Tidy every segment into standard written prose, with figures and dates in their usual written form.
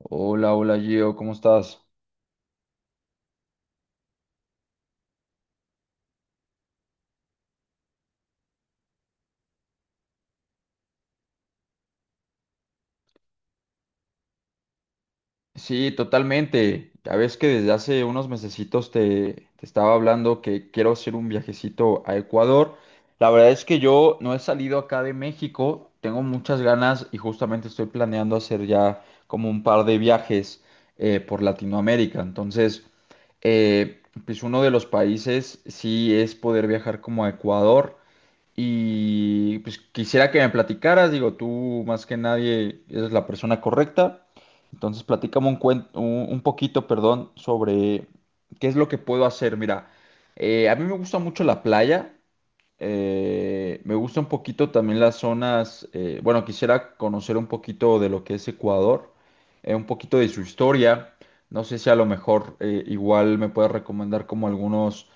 Hola, hola Gio, ¿cómo estás? Sí, totalmente. Ya ves que desde hace unos mesecitos te estaba hablando que quiero hacer un viajecito a Ecuador. La verdad es que yo no he salido acá de México, tengo muchas ganas y justamente estoy planeando hacer ya como un par de viajes por Latinoamérica. Entonces, pues uno de los países sí es poder viajar como a Ecuador. Y pues quisiera que me platicaras, digo, tú más que nadie eres la persona correcta. Entonces, platícame un cuen un poquito, perdón, sobre qué es lo que puedo hacer. Mira, a mí me gusta mucho la playa. Me gusta un poquito también las zonas. Bueno, quisiera conocer un poquito de lo que es Ecuador, un poquito de su historia. No sé si a lo mejor igual me puedes recomendar como algunos,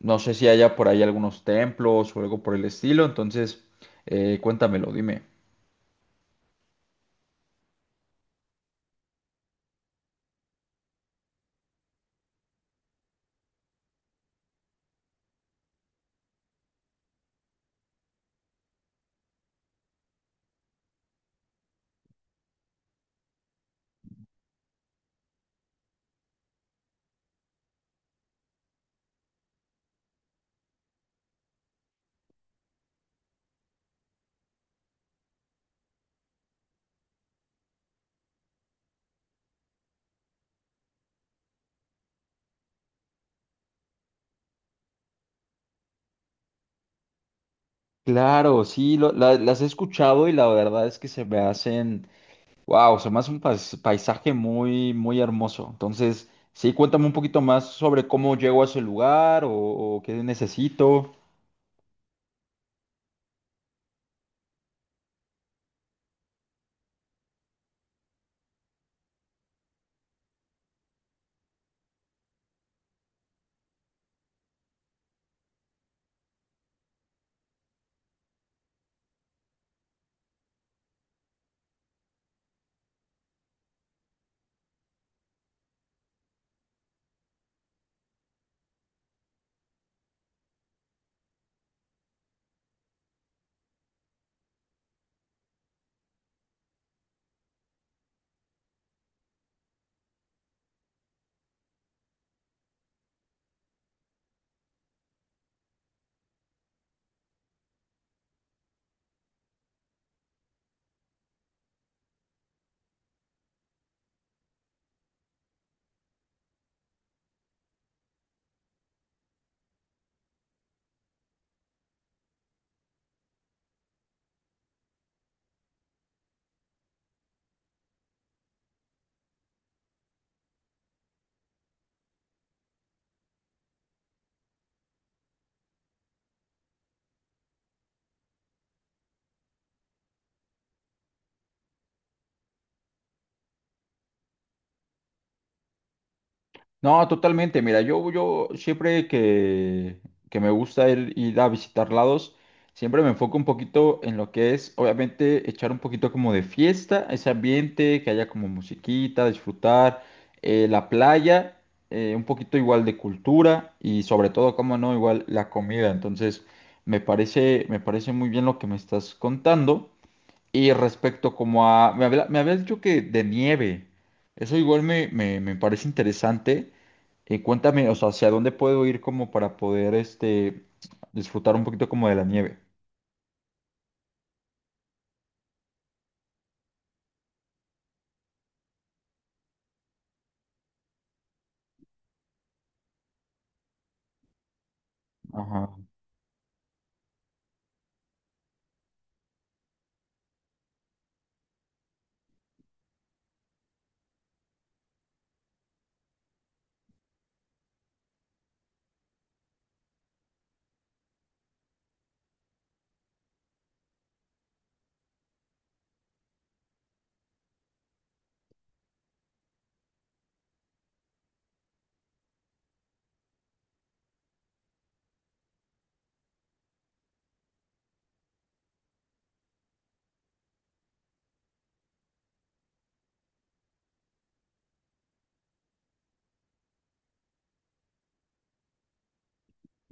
no sé si haya por ahí algunos templos o algo por el estilo. Entonces, cuéntamelo, dime. Claro, sí, las he escuchado y la verdad es que se me hacen, wow, se me hace un paisaje muy, muy hermoso. Entonces, sí, cuéntame un poquito más sobre cómo llego a ese lugar o qué necesito. No, totalmente. Mira, yo siempre que me gusta ir a visitar lados, siempre me enfoco un poquito en lo que es, obviamente, echar un poquito como de fiesta, ese ambiente, que haya como musiquita, disfrutar, la playa, un poquito igual de cultura y sobre todo, como no, igual la comida. Entonces, me parece muy bien lo que me estás contando. Y respecto como a, me habías dicho que de nieve, eso igual me, me parece interesante. Cuéntame, o sea, ¿hacia dónde puedo ir como para poder este, disfrutar un poquito como de la nieve? Ajá.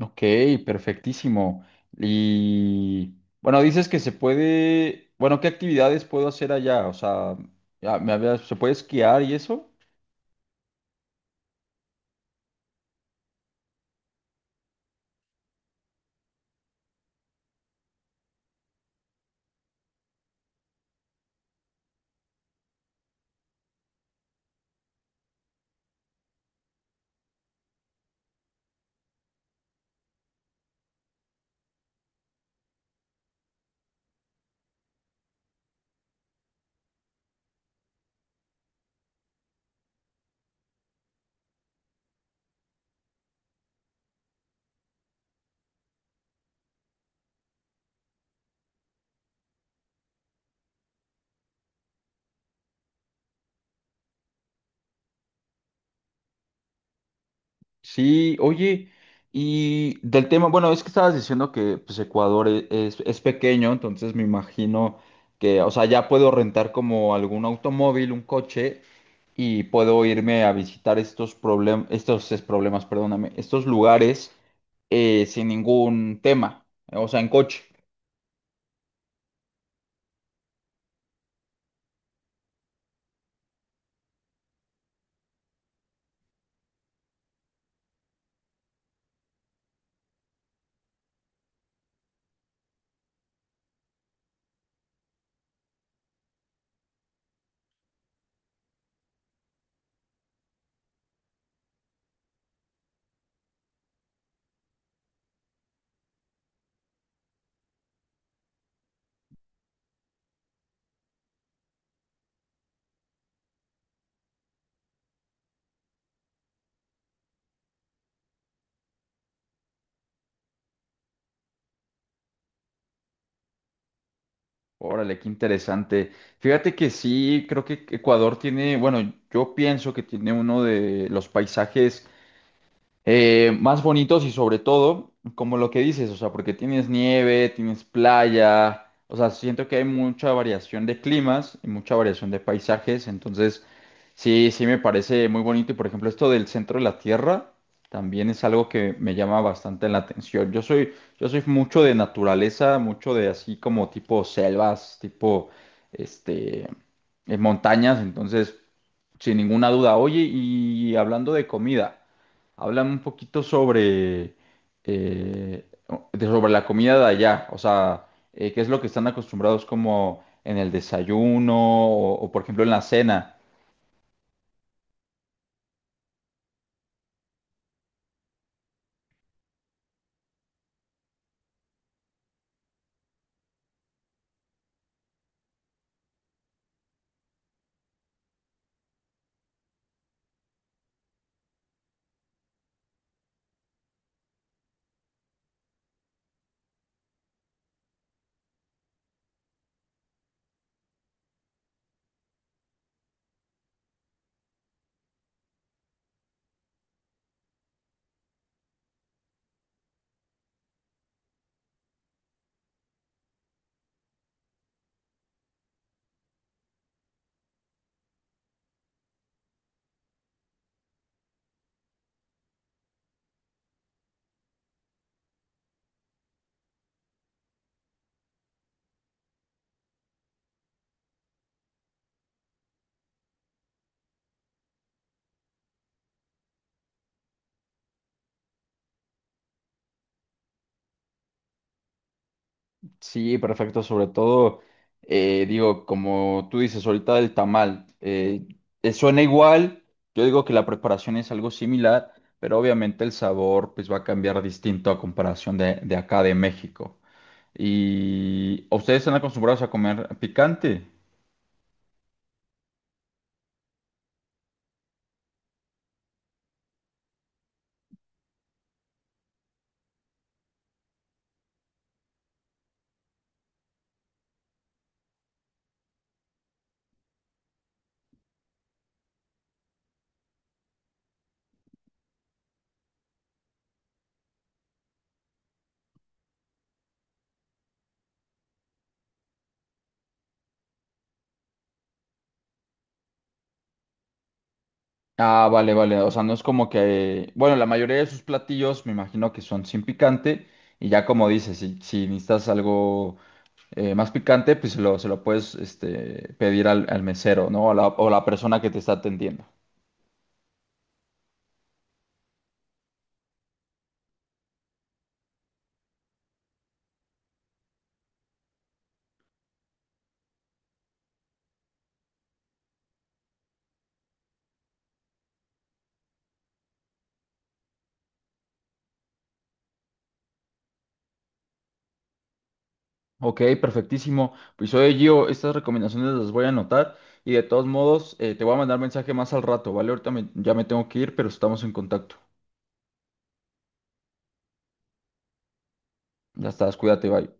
Ok, perfectísimo. Y bueno, dices que se puede, bueno, ¿qué actividades puedo hacer allá? O sea, ¿se puede esquiar y eso? Sí, oye, y del tema, bueno, es que estabas diciendo que pues Ecuador es pequeño, entonces me imagino que, o sea, ya puedo rentar como algún automóvil, un coche, y puedo irme a visitar estos problemas, estos es, problemas, perdóname, estos lugares sin ningún tema, o sea, en coche. Órale, qué interesante. Fíjate que sí, creo que Ecuador tiene, bueno, yo pienso que tiene uno de los paisajes más bonitos y sobre todo, como lo que dices, o sea, porque tienes nieve, tienes playa, o sea, siento que hay mucha variación de climas y mucha variación de paisajes, entonces sí, sí me parece muy bonito y por ejemplo esto del centro de la Tierra también es algo que me llama bastante la atención. Yo soy mucho de naturaleza, mucho de así como tipo selvas, tipo, este, montañas. Entonces, sin ninguna duda. Oye, y hablando de comida. Háblame un poquito sobre, eh, sobre la comida de allá, o sea, qué es lo que están acostumbrados como en el desayuno o, por ejemplo en la cena. Sí, perfecto, sobre todo, digo, como tú dices ahorita del tamal, suena igual, yo digo que la preparación es algo similar, pero obviamente el sabor pues va a cambiar distinto a comparación de acá de México. ¿Y ustedes están acostumbrados a comer picante? Ah, vale, vale. O sea, no es como que, bueno, la mayoría de sus platillos me imagino que son sin picante y ya como dices, si, si necesitas algo más picante, pues se lo puedes este, pedir al, al mesero, ¿no? O la persona que te está atendiendo. Ok, perfectísimo. Pues oye, Gio, estas recomendaciones las voy a anotar y de todos modos te voy a mandar mensaje más al rato, ¿vale? Ya me tengo que ir, pero estamos en contacto. Ya estás, cuídate, bye.